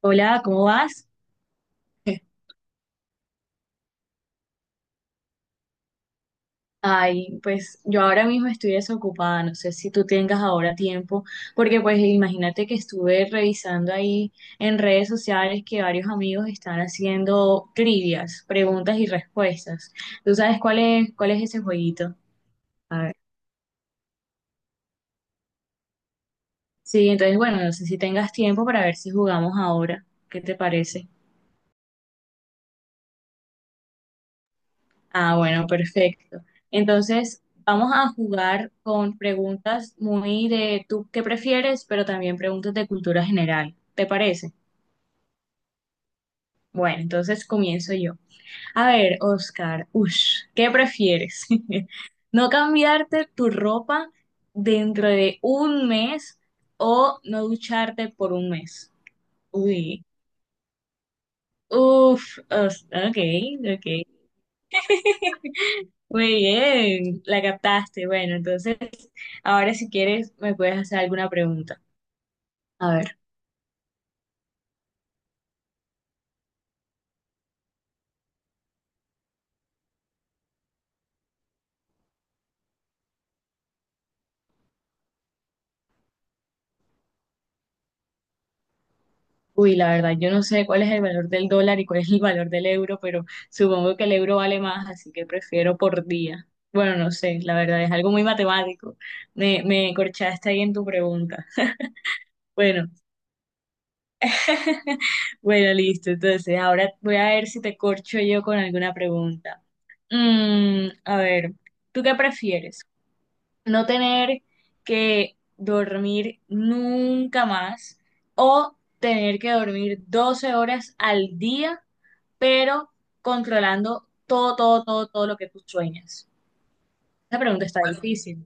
Hola, ¿cómo vas? Ay, pues yo ahora mismo estoy desocupada, no sé si tú tengas ahora tiempo, porque pues imagínate que estuve revisando ahí en redes sociales que varios amigos están haciendo trivias, preguntas y respuestas. ¿Tú sabes cuál es ese jueguito? A ver. Sí, entonces bueno, no sé si tengas tiempo para ver si jugamos ahora. ¿Qué te parece? Ah, bueno, perfecto. Entonces, vamos a jugar con preguntas muy de tú qué prefieres, pero también preguntas de cultura general. ¿Te parece? Bueno, entonces comienzo yo. A ver, Oscar, ush, ¿qué prefieres? ¿No cambiarte tu ropa dentro de un mes o no ducharte por un mes? Uy, ok, ok. Muy bien, la captaste. Bueno, entonces ahora, si quieres, me puedes hacer alguna pregunta. A ver, uy, la verdad, yo no sé cuál es el valor del dólar y cuál es el valor del euro, pero supongo que el euro vale más, así que prefiero por día. Bueno, no sé, la verdad, es algo muy matemático. Me corchaste ahí en tu pregunta. Bueno, bueno, listo. Entonces, ahora voy a ver si te corcho yo con alguna pregunta. A ver, ¿tú qué prefieres? ¿No tener que dormir nunca más o tener que dormir 12 horas al día, pero controlando todo, todo, todo, todo lo que tú sueñas? La pregunta está difícil.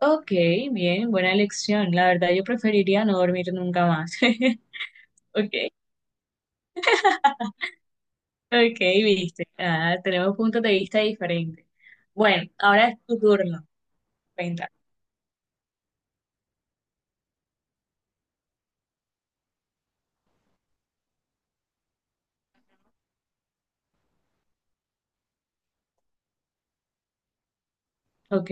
Ok, bien, buena elección. La verdad, yo preferiría no dormir nunca más. Ok, ok, viste. Ah, tenemos puntos de vista diferentes. Bueno, ahora es tu turno. Venga. Ok.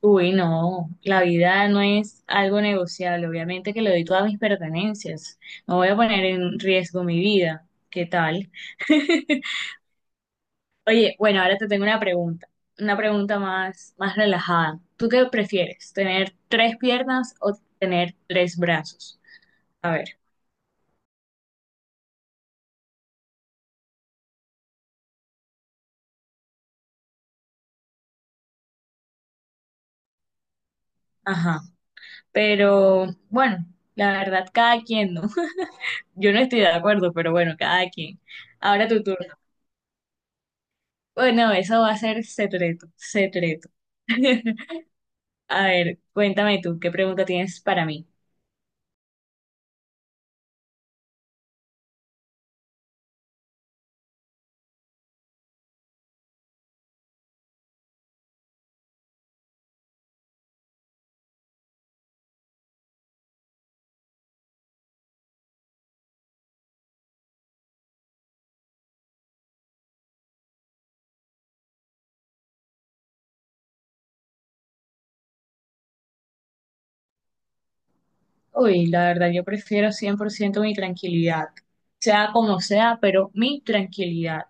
Uy, no, la vida no es algo negociable. Obviamente que le doy todas mis pertenencias. No voy a poner en riesgo mi vida. ¿Qué tal? Oye, bueno, ahora te tengo una pregunta. Una pregunta más, más relajada. ¿Tú qué prefieres? ¿Tener tres piernas o tener tres brazos? A ver, ajá. Pero bueno, la verdad, cada quien, ¿no? Yo no estoy de acuerdo, pero bueno, cada quien. Ahora tu turno. Bueno, eso va a ser secreto, secreto. A ver, cuéntame tú, ¿qué pregunta tienes para mí? Uy, la verdad, yo prefiero 100% mi tranquilidad, sea como sea, pero mi tranquilidad.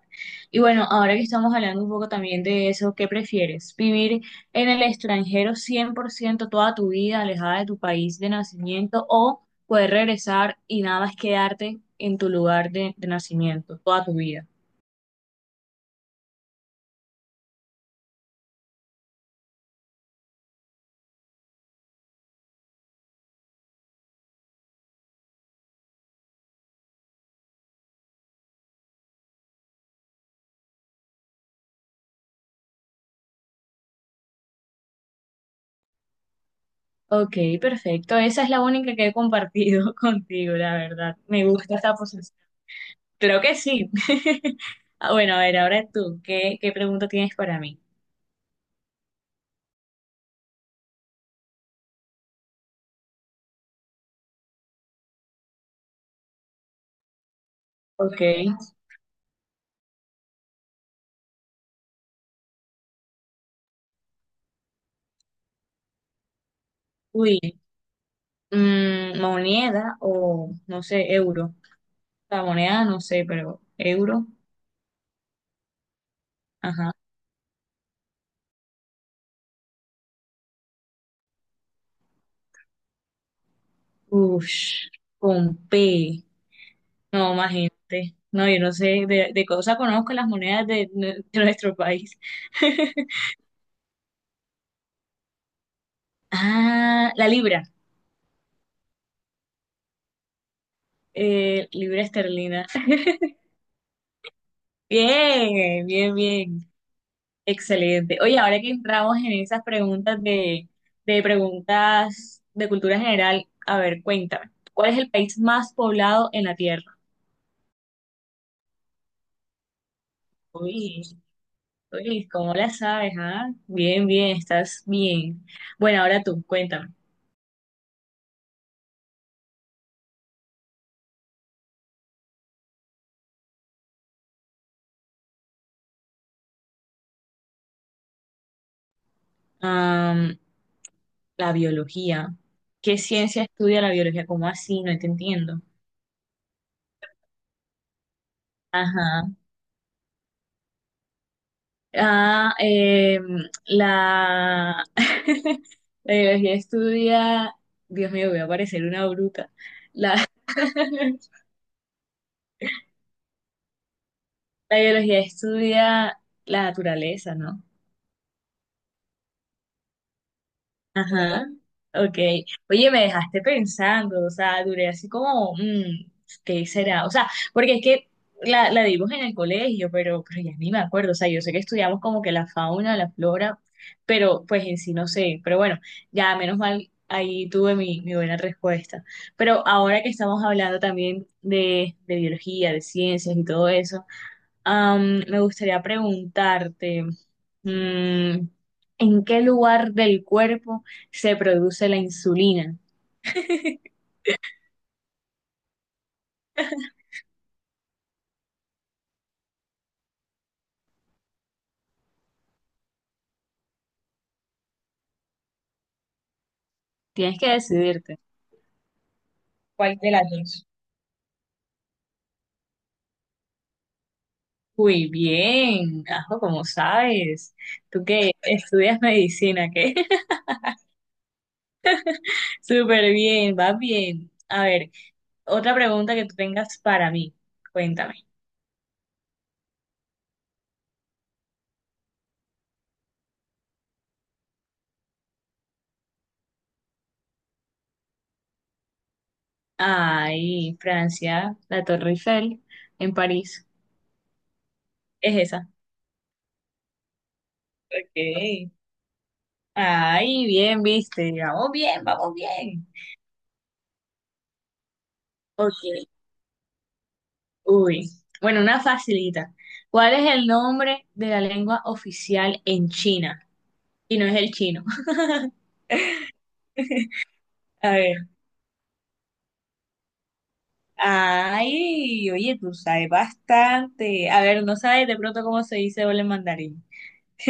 Y bueno, ahora que estamos hablando un poco también de eso, ¿qué prefieres? ¿Vivir en el extranjero 100% toda tu vida, alejada de tu país de nacimiento, o poder regresar y nada más quedarte en tu lugar de nacimiento toda tu vida? Ok, perfecto. Esa es la única que he compartido contigo, la verdad. Me gusta esta. Creo que sí. Ah, bueno, a ver, ahora tú, ¿qué, qué pregunta tienes para mí? Ok. Uy, moneda o, no sé, euro. La moneda, no sé, pero euro. Ajá. Ush, con P. No, más gente. No, yo no sé, de cosa conozco las monedas de, nue- de nuestro país. Ah, la libra. Libra esterlina. Bien, bien, bien. Excelente. Oye, ahora que entramos en esas preguntas de preguntas de cultura general, a ver, cuéntame, ¿cuál es el país más poblado en la Tierra? Uy, uy, ¿cómo la sabes, ah? Bien, bien, estás bien. Bueno, ahora tú, cuéntame. Am, la biología. ¿Qué ciencia estudia la biología? ¿Cómo así? No te entiendo. Ajá. Ah, eh, la, la biología estudia, Dios mío, voy a parecer una bruta. La, la biología estudia la naturaleza, ¿no? Ajá, ok. Oye, me dejaste pensando, o sea, duré así como, ¿qué será? O sea, porque es que la dimos en el colegio, pero ya ni me acuerdo, o sea, yo sé que estudiamos como que la fauna, la flora, pero pues en sí no sé, pero bueno, ya menos mal ahí tuve mi, mi buena respuesta. Pero ahora que estamos hablando también de biología, de ciencias y todo eso, me gustaría preguntarte... Mm, ¿en qué lugar del cuerpo se produce la insulina? Tienes que decidirte. ¿Cuál de las dos? Muy bien, Ajo, como sabes. Tú que estudias medicina, ¿qué? Súper bien, vas bien. A ver, otra pregunta que tú tengas para mí. Cuéntame. Ay, Francia, la Torre Eiffel, en París. Es esa. Ok. Ay, bien, viste. Vamos bien, vamos bien. Ok. Uy, bueno, una facilita. ¿Cuál es el nombre de la lengua oficial en China? Y no es el chino. A ver. Ay, oye, tú sabes bastante. A ver, no sabes de pronto cómo se dice hola en mandarín.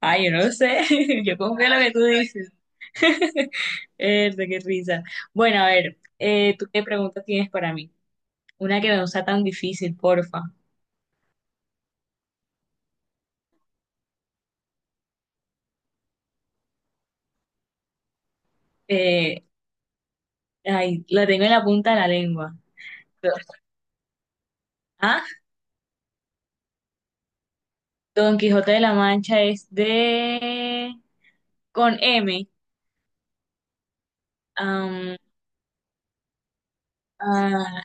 Ay, yo no lo sé. Yo confío en lo que tú dices. Erde, qué risa. Bueno, a ver, ¿tú qué pregunta tienes para mí? Una que no sea tan difícil, porfa. Eh, Ay, la tengo en la punta de la lengua. ¿Ah? Don Quijote de la Mancha es de... con M. Am, ah,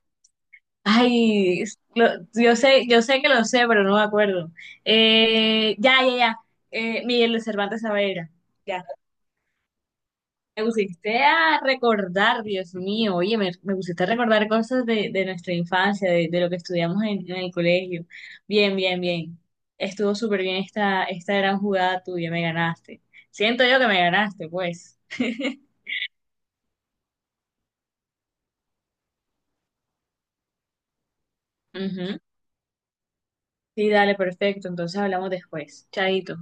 ay, lo- yo sé que lo sé, pero no me acuerdo. Ya, ya, ya. Miguel de Cervantes Saavedra. Ya. Me pusiste a recordar, Dios mío. Oye, me pusiste a recordar cosas de nuestra infancia, de lo que estudiamos en el colegio. Bien, bien, bien. Estuvo súper bien esta, esta gran jugada tuya, me ganaste. Siento yo que me ganaste, pues. Ujú. Sí, dale, perfecto. Entonces hablamos después. Chaito.